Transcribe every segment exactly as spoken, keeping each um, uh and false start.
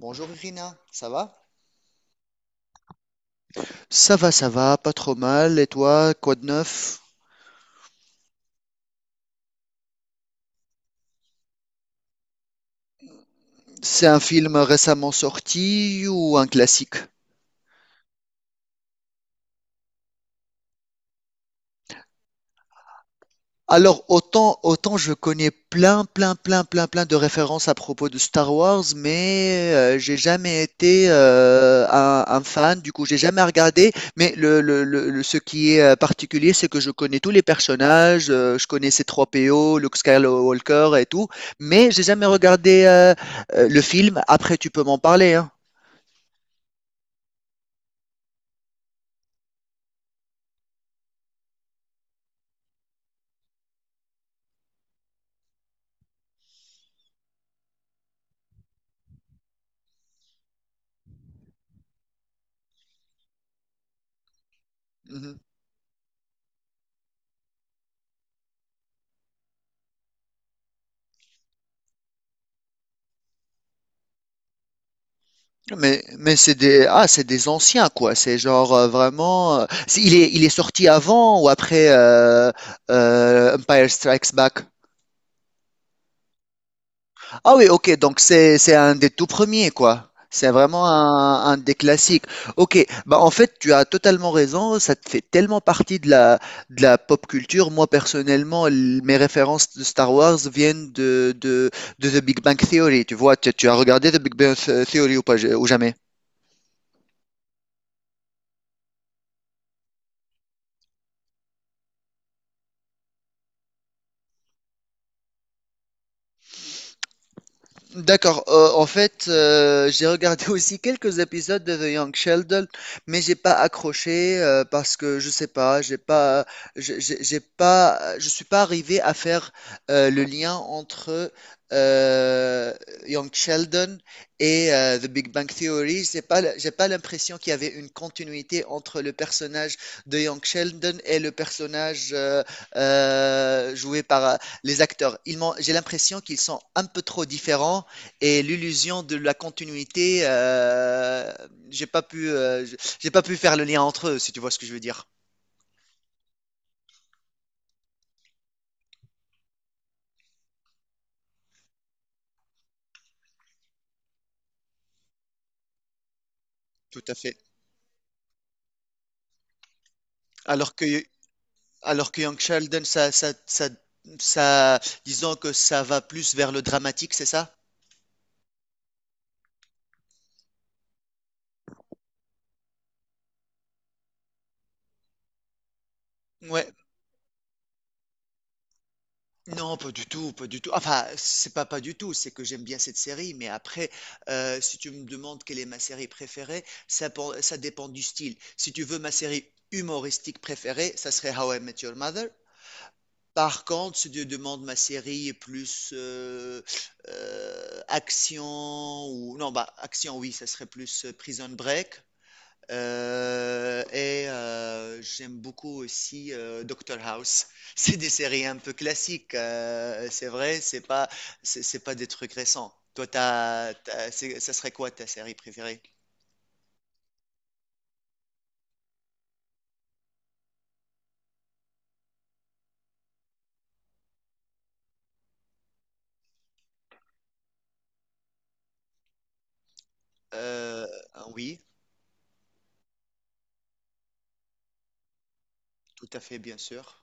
Bonjour Irina, ça va? Ça va, ça va, pas trop mal. Et toi, quoi de neuf? C'est un film récemment sorti ou un classique? Alors, autant, autant je connais plein, plein, plein, plein, plein de références à propos de Star Wars, mais euh, j'ai jamais été euh, un, un fan, du coup, j'ai jamais regardé. Mais le, le, le, le- ce qui est euh, particulier, c'est que je connais tous les personnages, euh, je connais ces trois po Luke Skywalker et tout, mais j'ai jamais regardé euh, euh, le film. Après, tu peux m'en parler, hein. Mhm. Mais, mais c'est des, ah, c'est des anciens, quoi. C'est genre euh, vraiment. euh, c'est- il est, il est sorti avant ou après euh, euh, Empire Strikes Back? Ah oui, ok, donc c'est c'est un des tout premiers, quoi. C'est vraiment un, un des classiques. Ok, bah en fait, tu as totalement raison, ça te fait tellement partie de la, de la pop culture. Moi, personnellement, l- mes références de Star Wars viennent de, de, de The Big Bang Theory. Tu vois, tu, tu as regardé The Big Bang Theory ou pas, ou jamais? D'accord. Euh, en fait, euh, j'ai regardé aussi quelques épisodes de The Young Sheldon, mais j'ai pas accroché euh, parce que je sais pas, j'ai pas, j'ai j'ai- j'ai pas, je suis pas arrivé à faire euh, le lien entre euh, Young Sheldon et euh, The Big Bang Theory. J'ai pas, l- j'ai pas l'impression qu'il y avait une continuité entre le personnage de Young Sheldon et le personnage euh, euh, joué par euh, les acteurs. Ils m'ont- j'ai l'impression qu'ils sont un peu trop différents et l'illusion de la continuité, euh, j'ai pas pu, euh, j'ai pas pu faire le lien entre eux, si tu vois ce que je veux dire. Tout à fait. Alors que, alors que Young Sheldon, ça, ça, ça, ça, disons que ça va plus vers le dramatique, c'est ça? Ouais. Non, pas du tout, pas du tout. Enfin, c'est pas pas du tout, c'est que j'aime bien cette série, mais après, euh, si tu me demandes quelle est ma série préférée, ça, pen- ça dépend du style. Si tu veux ma série humoristique préférée, ça serait How I Met Your Mother. Par contre, si tu demandes ma série est plus euh, euh, action ou non bah action oui, ça serait plus euh, Prison Break. Euh, et euh, j'aime beaucoup aussi euh, Doctor House. C'est des séries un peu classiques, euh, c'est vrai, c'est pas c'est c'est pas des trucs récents. Toi, t'as, t'as- c'est- ça serait quoi ta série préférée? Euh, oui, tout à fait, bien sûr.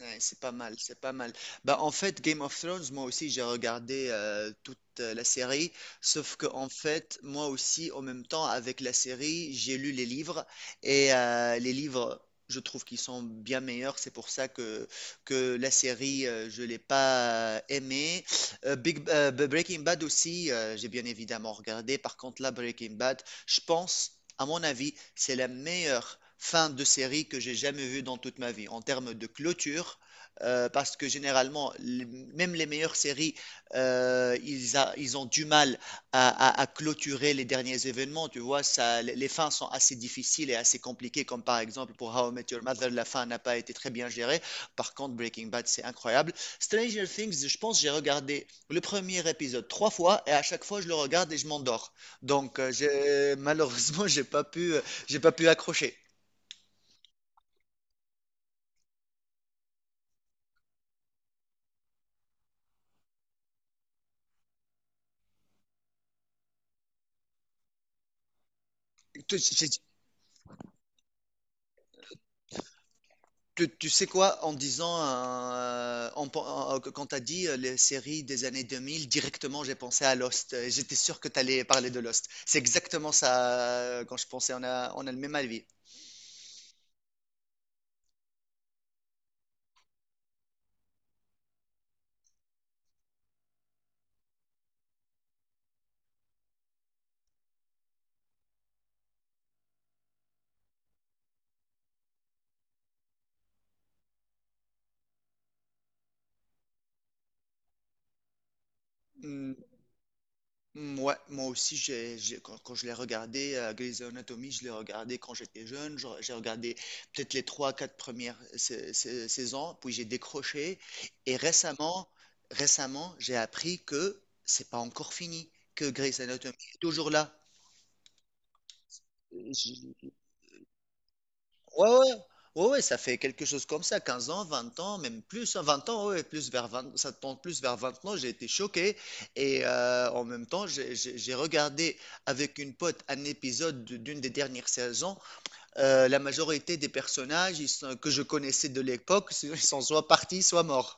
Ouais, c'est pas mal, c'est pas mal. Bah, en fait, Game of Thrones, moi aussi, j'ai regardé euh, toute euh, la série, sauf que en fait, moi aussi, en même temps, avec la série, j'ai lu les livres, et euh, les livres, je trouve qu'ils sont bien meilleurs, c'est pour ça que, que la série, euh, je l'ai pas euh, aimée. Euh, Big, euh, Breaking Bad aussi, euh, j'ai bien évidemment regardé, par contre, là, Breaking Bad, je pense, à mon avis, c'est la meilleure fin de série que j'ai jamais vue dans toute ma vie en termes de clôture, euh, parce que généralement, les- même les meilleures séries, euh, ils, a- ils ont du mal à, à- à clôturer les derniers événements. Tu vois, ça, les les fins sont assez difficiles et assez compliquées, comme par exemple pour How I Met Your Mother, la fin n'a pas été très bien gérée. Par contre, Breaking Bad, c'est incroyable. Stranger Things, je pense, j'ai regardé le premier épisode trois fois et à chaque fois, je le regarde et je m'endors. Donc, euh, j'ai, malheureusement, j'ai pas pu, euh, j'ai pas pu accrocher. Tu, j'ai- tu- tu sais quoi, en disant, euh, en pen- en- quand tu as dit euh, les séries des années deux mille, directement, j'ai pensé à Lost. Euh, J'étais sûr que tu allais parler de Lost. C'est exactement ça, euh, quand je pensais, on a, on a le même avis. Hmm. Mm, Ouais, moi aussi, j'ai, j'ai- quand, quand je l'ai regardé, euh, Grey's Anatomy, je l'ai regardé quand j'étais jeune. Je- J'ai regardé peut-être les trois, quatre premières sais- sais- saisons, puis j'ai décroché. Et récemment, récemment, j'ai appris que c'est pas encore fini, que Grey's Anatomy est toujours là. Ouais, ouais, ouais, ouais, ça fait quelque chose comme ça, quinze ans, vingt ans, même plus, hein, vingt ans, ouais, plus vers vingt, ça tombe plus vers vingt ans, j'ai été choqué. Et euh, en même temps, j'ai j'ai- j'ai regardé avec une pote un épisode de- d'une des dernières saisons. Euh, la majorité des personnages ils sont- que je connaissais de l'époque, ils sont soit partis, soit morts.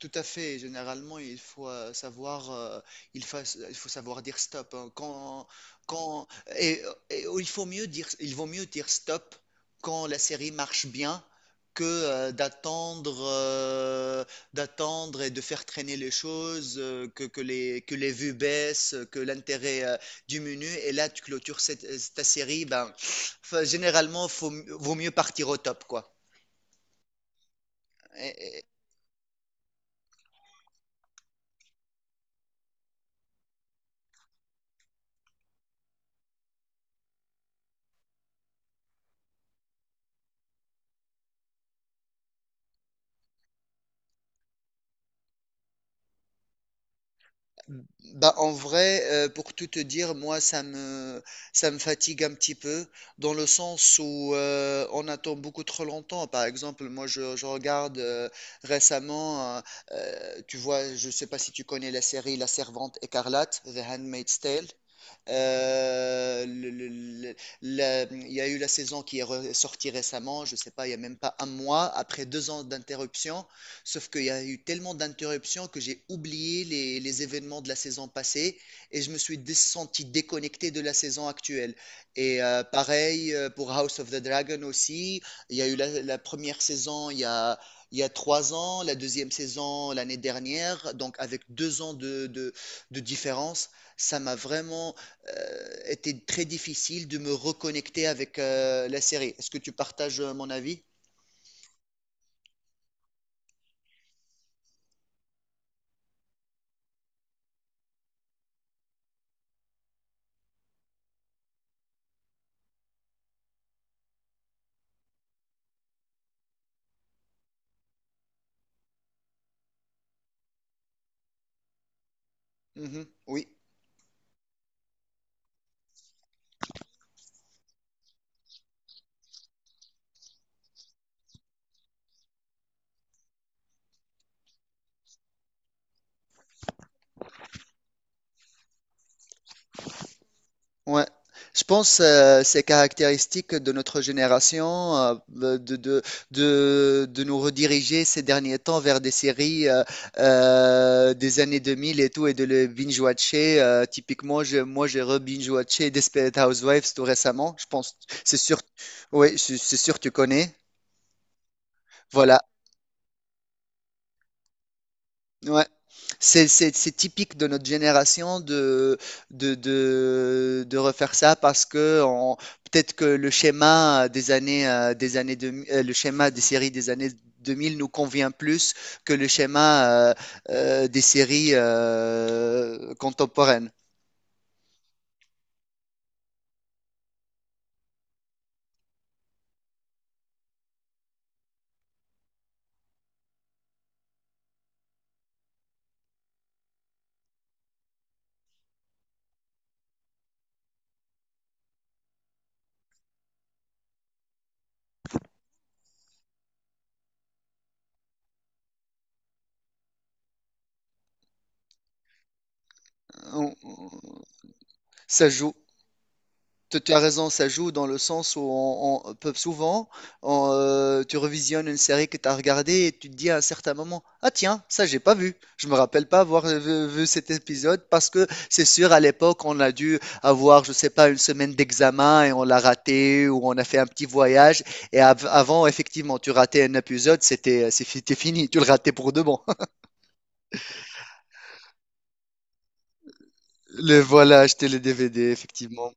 Tout à fait. Généralement, il faut euh, savoir, euh, il faut, il faut savoir dire stop, hein. Quand, quand, et, et il faut mieux dire, il vaut mieux dire stop quand la série marche bien que euh, d'attendre, euh, d'attendre et de faire traîner les choses, euh, que, que les, que les vues baissent, que l'intérêt euh, diminue. Et là, tu clôtures cette, ta série. Ben, généralement, faut, vaut mieux partir au top, quoi. Bah, en vrai, euh, pour tout te dire, moi, ça me, ça me fatigue un petit peu, dans le sens où euh, on attend beaucoup trop longtemps. Par exemple, moi, je, je regarde euh, récemment, euh, euh, tu vois, je sais pas si tu connais la série La Servante écarlate, The Handmaid's Tale. Euh, le- le- le- la- il y a eu la saison qui est re- sortie récemment, je sais pas, il y a même pas un mois, après deux ans d'interruption. Sauf qu'il y a eu tellement d'interruptions que j'ai oublié les, les événements de la saison passée et je me suis dé- senti déconnecté de la saison actuelle. Et euh, pareil euh, pour House of the Dragon aussi. Il y a eu la, la première saison il y a, il y a trois ans, la deuxième saison l'année dernière, donc avec deux ans de, de, de différence, ça m'a vraiment euh, était très difficile de me reconnecter avec euh, la série. Est-ce que tu partages euh, mon avis? Mhm, oui. Ouais. Je pense, euh, c'est caractéristique de notre génération euh, de, de, de, de nous rediriger ces derniers temps vers des séries euh, euh, des années deux mille et tout et de le binge-watcher. Euh, typiquement, je, moi j'ai re-binge-watché Desperate Housewives tout récemment. Je pense, c'est sûr, oui, c'est c'est sûr que tu connais. Voilà. Ouais. C'est, c'est, c'est typique de notre génération de, de, de, de refaire ça parce que on- peut-être que le schéma des années, euh, des années deux mille, euh, le schéma des séries des années deux mille nous convient plus que le schéma euh, euh, des séries euh, contemporaines. On- on- Ça joue. Tu tu as raison, ça joue dans le sens où on, on peut souvent, on, euh, tu revisionnes une série que tu as regardée et tu te dis à un certain moment, ah tiens, ça j'ai pas vu. Je me rappelle pas avoir vu, vu cet épisode parce que c'est sûr à l'époque on a dû avoir, je sais pas, une semaine d'examen et on l'a raté ou on a fait un petit voyage et av- avant effectivement tu ratais un épisode, c'était c'était fini, tu le ratais pour de bon. Le voilà, acheter les D V D effectivement.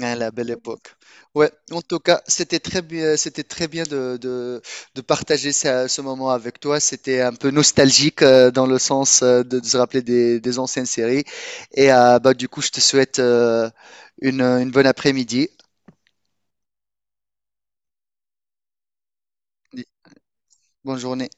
Ah, la belle époque. Ouais, en tout cas, c'était très bien, c'était très bien de, de, de partager ça- ce moment avec toi. C'était un peu nostalgique euh, dans le sens euh, de, de se rappeler des, des anciennes séries. Et euh, bah, du coup, je te souhaite euh, une, une bonne après-midi. Bonne journée.